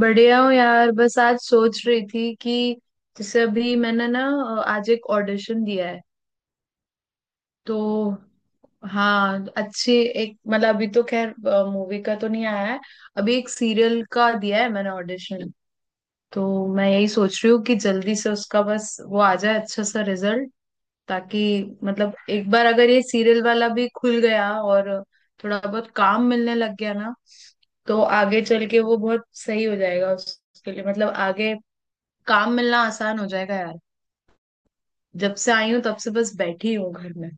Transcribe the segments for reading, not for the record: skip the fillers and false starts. बढ़िया हूँ यार। बस आज सोच रही थी कि जैसे अभी मैंने ना आज एक ऑडिशन दिया है। तो हाँ, अच्छी एक मतलब अभी तो खैर मूवी का तो नहीं आया है। अभी एक सीरियल का दिया है मैंने ऑडिशन। तो मैं यही सोच रही हूँ कि जल्दी से उसका बस वो आ जाए अच्छा सा रिजल्ट, ताकि मतलब एक बार अगर ये सीरियल वाला भी खुल गया और थोड़ा बहुत काम मिलने लग गया ना, तो आगे चल के वो बहुत सही हो जाएगा उसके लिए, मतलब आगे काम मिलना आसान हो जाएगा यार। जब से आई हूँ तब से बस बैठी हूँ घर में।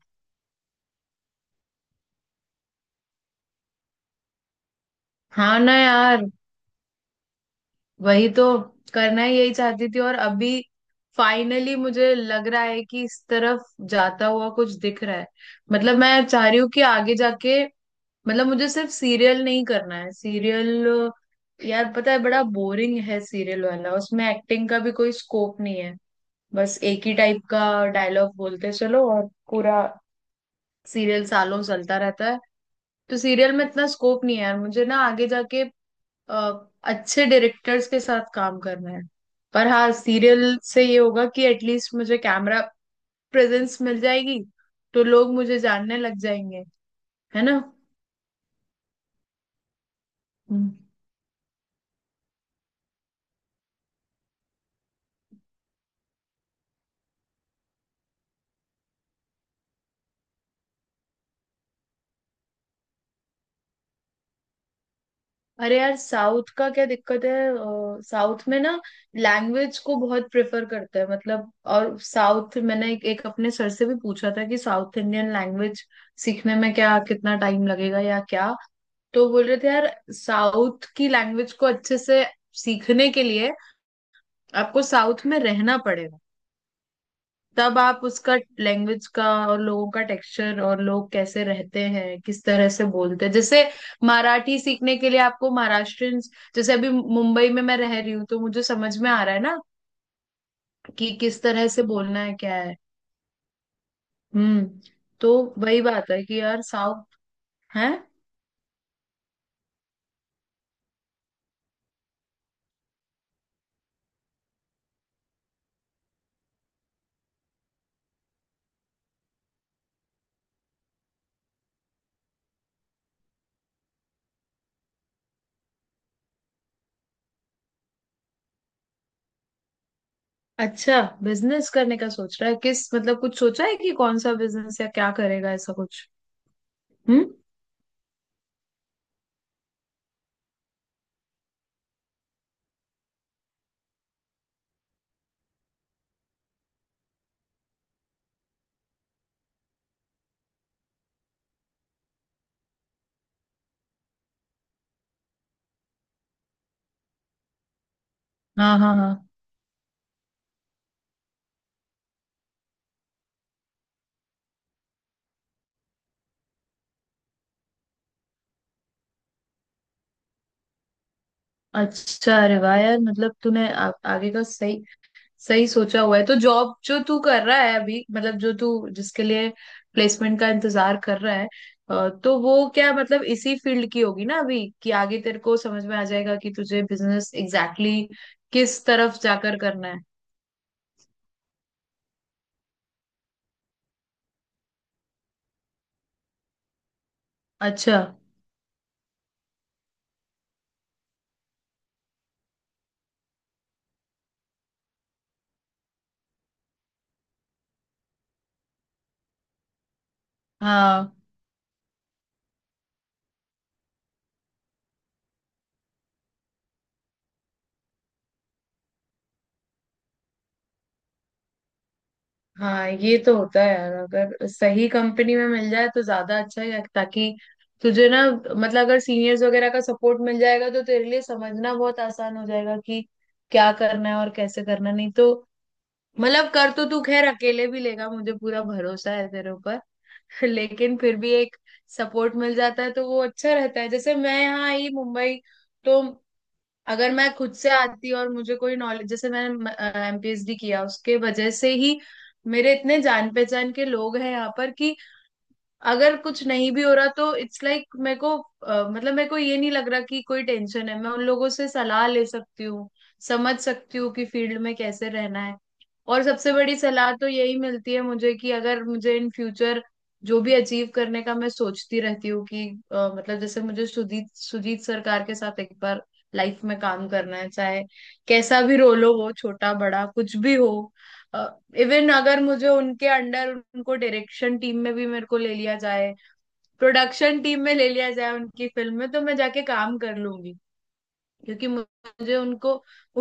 हाँ ना यार, वही तो, करना ही यही चाहती थी। और अभी फाइनली मुझे लग रहा है कि इस तरफ जाता हुआ कुछ दिख रहा है। मतलब मैं चाह रही हूँ कि आगे जाके मतलब मुझे सिर्फ सीरियल नहीं करना है। सीरियल यार पता है बड़ा बोरिंग है, सीरियल वाला उसमें एक्टिंग का भी कोई स्कोप नहीं है। बस एक ही टाइप का डायलॉग बोलते चलो, और पूरा सीरियल सालों चलता रहता है। तो सीरियल में इतना स्कोप नहीं है यार मुझे, ना आगे जाके अच्छे डायरेक्टर्स के साथ काम करना है। पर हाँ, सीरियल से ये होगा कि एटलीस्ट मुझे कैमरा प्रेजेंस मिल जाएगी, तो लोग मुझे जानने लग जाएंगे। है ना। हम्म। अरे यार, साउथ का क्या दिक्कत है? साउथ में ना लैंग्वेज को बहुत प्रेफर करते हैं मतलब। और साउथ मैंने एक अपने सर से भी पूछा था कि साउथ इंडियन लैंग्वेज सीखने में क्या कितना टाइम लगेगा या क्या। तो बोल रहे थे यार, साउथ की लैंग्वेज को अच्छे से सीखने के लिए आपको साउथ में रहना पड़ेगा। तब आप उसका लैंग्वेज का और लोगों का टेक्सचर, और लोग कैसे रहते हैं, किस तरह से बोलते हैं, जैसे मराठी सीखने के लिए आपको महाराष्ट्रियन। जैसे अभी मुंबई में मैं रह रही हूँ तो मुझे समझ में आ रहा है ना कि किस तरह से बोलना है, क्या है। हम्म तो वही बात है कि यार साउथ है। अच्छा, बिजनेस करने का सोच रहा है? किस मतलब कुछ सोचा है कि कौन सा बिजनेस या क्या करेगा ऐसा कुछ? हम्म। हाँ हाँ हाँ। अच्छा, अरे वाह यार, मतलब तूने आगे का सही सही सोचा हुआ है। तो जॉब जो तू कर रहा है अभी, मतलब जो तू जिसके लिए प्लेसमेंट का इंतजार कर रहा है, तो वो क्या मतलब इसी फील्ड की होगी ना अभी, कि आगे तेरे को समझ में आ जाएगा कि तुझे बिजनेस एग्जैक्टली exactly किस तरफ जाकर करना है। अच्छा। हाँ हाँ, ये तो होता है यार, अगर सही कंपनी में मिल जाए तो ज्यादा अच्छा है, ताकि तुझे ना मतलब अगर सीनियर्स वगैरह का सपोर्ट मिल जाएगा तो तेरे लिए समझना बहुत आसान हो जाएगा कि क्या करना है और कैसे करना। नहीं तो मतलब कर तो तू खैर अकेले भी लेगा, मुझे पूरा भरोसा है तेरे ऊपर। लेकिन फिर भी एक सपोर्ट मिल जाता है तो वो अच्छा रहता है। जैसे मैं यहाँ आई मुंबई, तो अगर मैं खुद से आती और मुझे कोई नॉलेज, जैसे मैंने एमपीएसडी किया उसके वजह से ही मेरे इतने जान पहचान के लोग हैं यहाँ पर, कि अगर कुछ नहीं भी हो रहा तो इट्स लाइक, मेरे को मतलब मेरे को ये नहीं लग रहा कि कोई टेंशन है। मैं उन लोगों से सलाह ले सकती हूँ, समझ सकती हूँ कि फील्ड में कैसे रहना है। और सबसे बड़ी सलाह तो यही मिलती है मुझे कि अगर मुझे इन फ्यूचर जो भी अचीव करने का मैं सोचती रहती हूँ कि मतलब जैसे मुझे सुजीत सुजीत सरकार के साथ एक बार लाइफ में काम करना है, चाहे कैसा भी रोल हो, वो छोटा बड़ा कुछ भी हो। इवन अगर मुझे उनके अंडर उनको डायरेक्शन टीम में भी मेरे को ले लिया जाए, प्रोडक्शन टीम में ले लिया जाए उनकी फिल्म में, तो मैं जाके काम कर लूंगी। क्योंकि मुझे उनको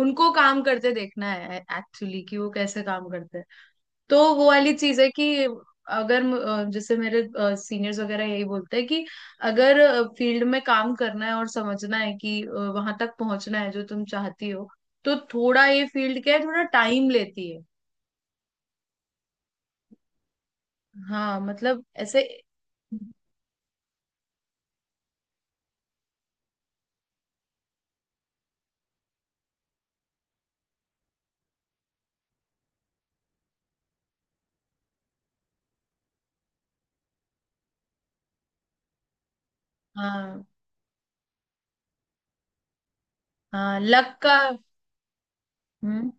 उनको काम करते देखना है एक्चुअली कि वो कैसे काम करते हैं। तो वो वाली चीज है कि अगर जैसे मेरे सीनियर्स वगैरह यही बोलते हैं कि अगर फील्ड में काम करना है और समझना है कि वहां तक पहुंचना है जो तुम चाहती हो, तो थोड़ा ये फील्ड क्या है, थोड़ा टाइम लेती है। हाँ मतलब ऐसे। हाँ हाँ, लक का। हम्म।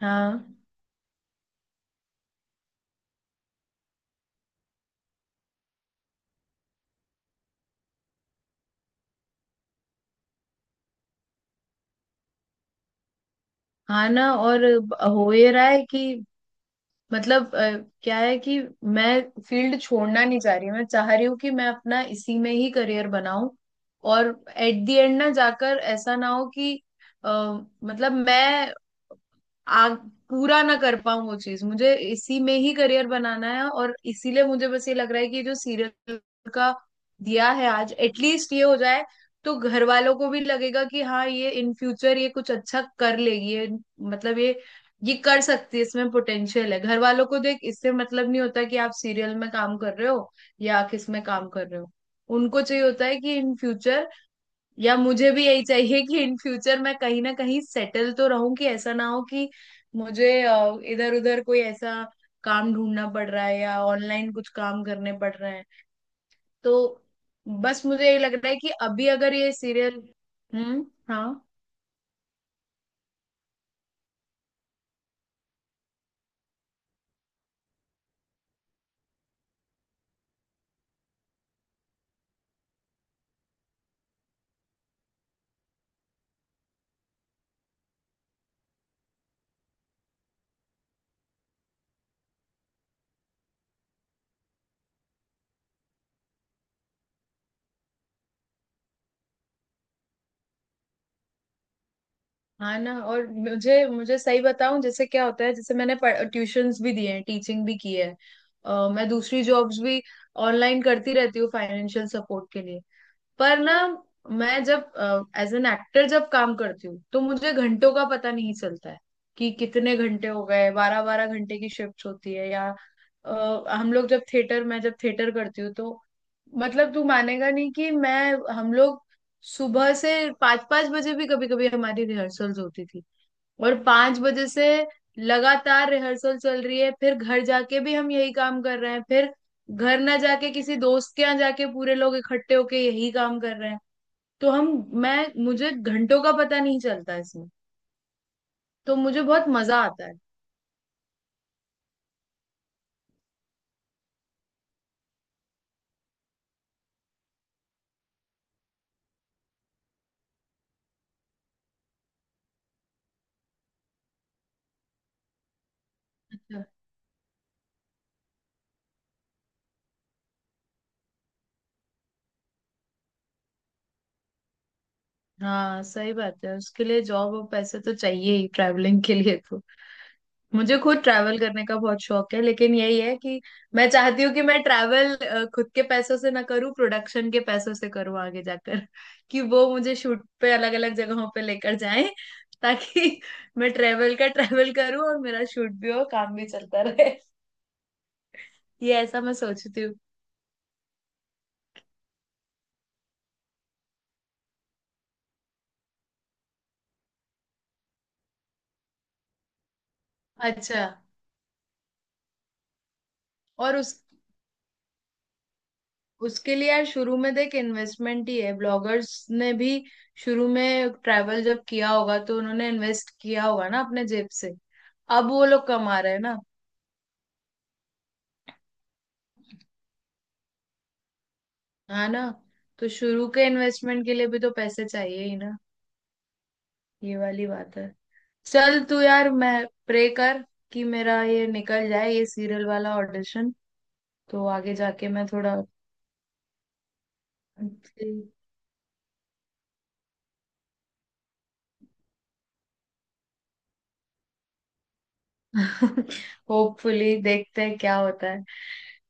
हाँ। हाँ ना, और हो ये रहा है कि मतलब क्या है कि मैं फील्ड छोड़ना नहीं चाह रही, मैं चाह रही हूँ कि मैं अपना इसी में ही करियर बनाऊं। और एट द एंड ना जाकर ऐसा ना हो कि अ, मतलब मैं आग पूरा ना कर पाऊं वो चीज, मुझे इसी में ही करियर बनाना है। और इसीलिए मुझे बस ये लग रहा है कि ये जो सीरियल का दिया है आज, एटलीस्ट ये हो जाए, तो घर वालों को भी लगेगा कि हाँ, ये इन फ्यूचर ये कुछ अच्छा कर लेगी ये, मतलब ये कर सकती है, इसमें पोटेंशियल है। घर वालों को देख इससे मतलब नहीं होता कि आप सीरियल में काम कर रहे हो या किस में काम कर रहे हो। उनको चाहिए होता है कि इन फ्यूचर, या मुझे भी यही चाहिए कि इन फ्यूचर मैं कहीं ना कहीं सेटल तो रहूं, कि ऐसा ना हो कि मुझे इधर उधर कोई ऐसा काम ढूंढना पड़ रहा है या ऑनलाइन कुछ काम करने पड़ रहे हैं। तो बस मुझे ये लग रहा है कि अभी अगर ये सीरियल। हम्म। हाँ। हाँ ना, और मुझे मुझे सही बताऊं जैसे क्या होता है, जैसे मैंने ट्यूशंस भी दिए हैं, टीचिंग भी की है, मैं दूसरी जॉब्स भी ऑनलाइन करती रहती हूँ फाइनेंशियल सपोर्ट के लिए। पर ना, मैं जब एज एन एक्टर जब काम करती हूँ तो मुझे घंटों का पता नहीं चलता है कि कितने घंटे हो गए। बारह बारह घंटे की शिफ्ट होती है, या हम लोग जब थिएटर, मैं जब थिएटर करती हूँ तो मतलब तू मानेगा नहीं कि मैं हम लोग सुबह से पाँच पाँच बजे भी कभी कभी हमारी रिहर्सल्स होती थी। और पांच बजे से लगातार रिहर्सल चल रही है, फिर घर जाके भी हम यही काम कर रहे हैं, फिर घर ना जाके किसी दोस्त के यहाँ जाके पूरे लोग इकट्ठे होके यही काम कर रहे हैं। तो हम, मैं मुझे घंटों का पता नहीं चलता इसमें। तो मुझे बहुत मजा आता है। अच्छा। हाँ सही बात है, उसके लिए जॉब और पैसे तो चाहिए ही ट्रैवलिंग के लिए, तो मुझे खुद ट्रैवल करने का बहुत शौक है। लेकिन यही है कि मैं चाहती हूँ कि मैं ट्रैवल खुद के पैसों से ना करूँ, प्रोडक्शन के पैसों से करूँ आगे जाकर। कि वो मुझे शूट पे अलग अलग जगहों पे लेकर जाएं। ताकि मैं ट्रैवल का ट्रैवल करूँ और मेरा शूट भी हो, काम भी चलता रहे। ये ऐसा मैं सोचती हूँ। अच्छा। और उस उसके लिए यार शुरू में देख इन्वेस्टमेंट ही है, ब्लॉगर्स ने भी शुरू में ट्रैवल जब किया होगा तो उन्होंने इन्वेस्ट किया होगा ना अपने जेब से। अब वो लोग कमा रहे हैं ना। है ना। तो शुरू के इन्वेस्टमेंट के लिए भी तो पैसे चाहिए ही ना। ये वाली बात है। चल तू यार, मैं प्रे कर कि मेरा ये निकल जाए, ये सीरियल वाला ऑडिशन। तो आगे जाके मैं थोड़ा। होपफुली देखते हैं क्या होता है।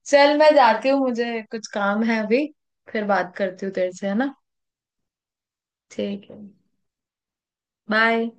चल मैं जाती हूँ, मुझे कुछ काम है अभी। फिर बात करती हूँ तेरे से, है ना। ठीक है। बाय।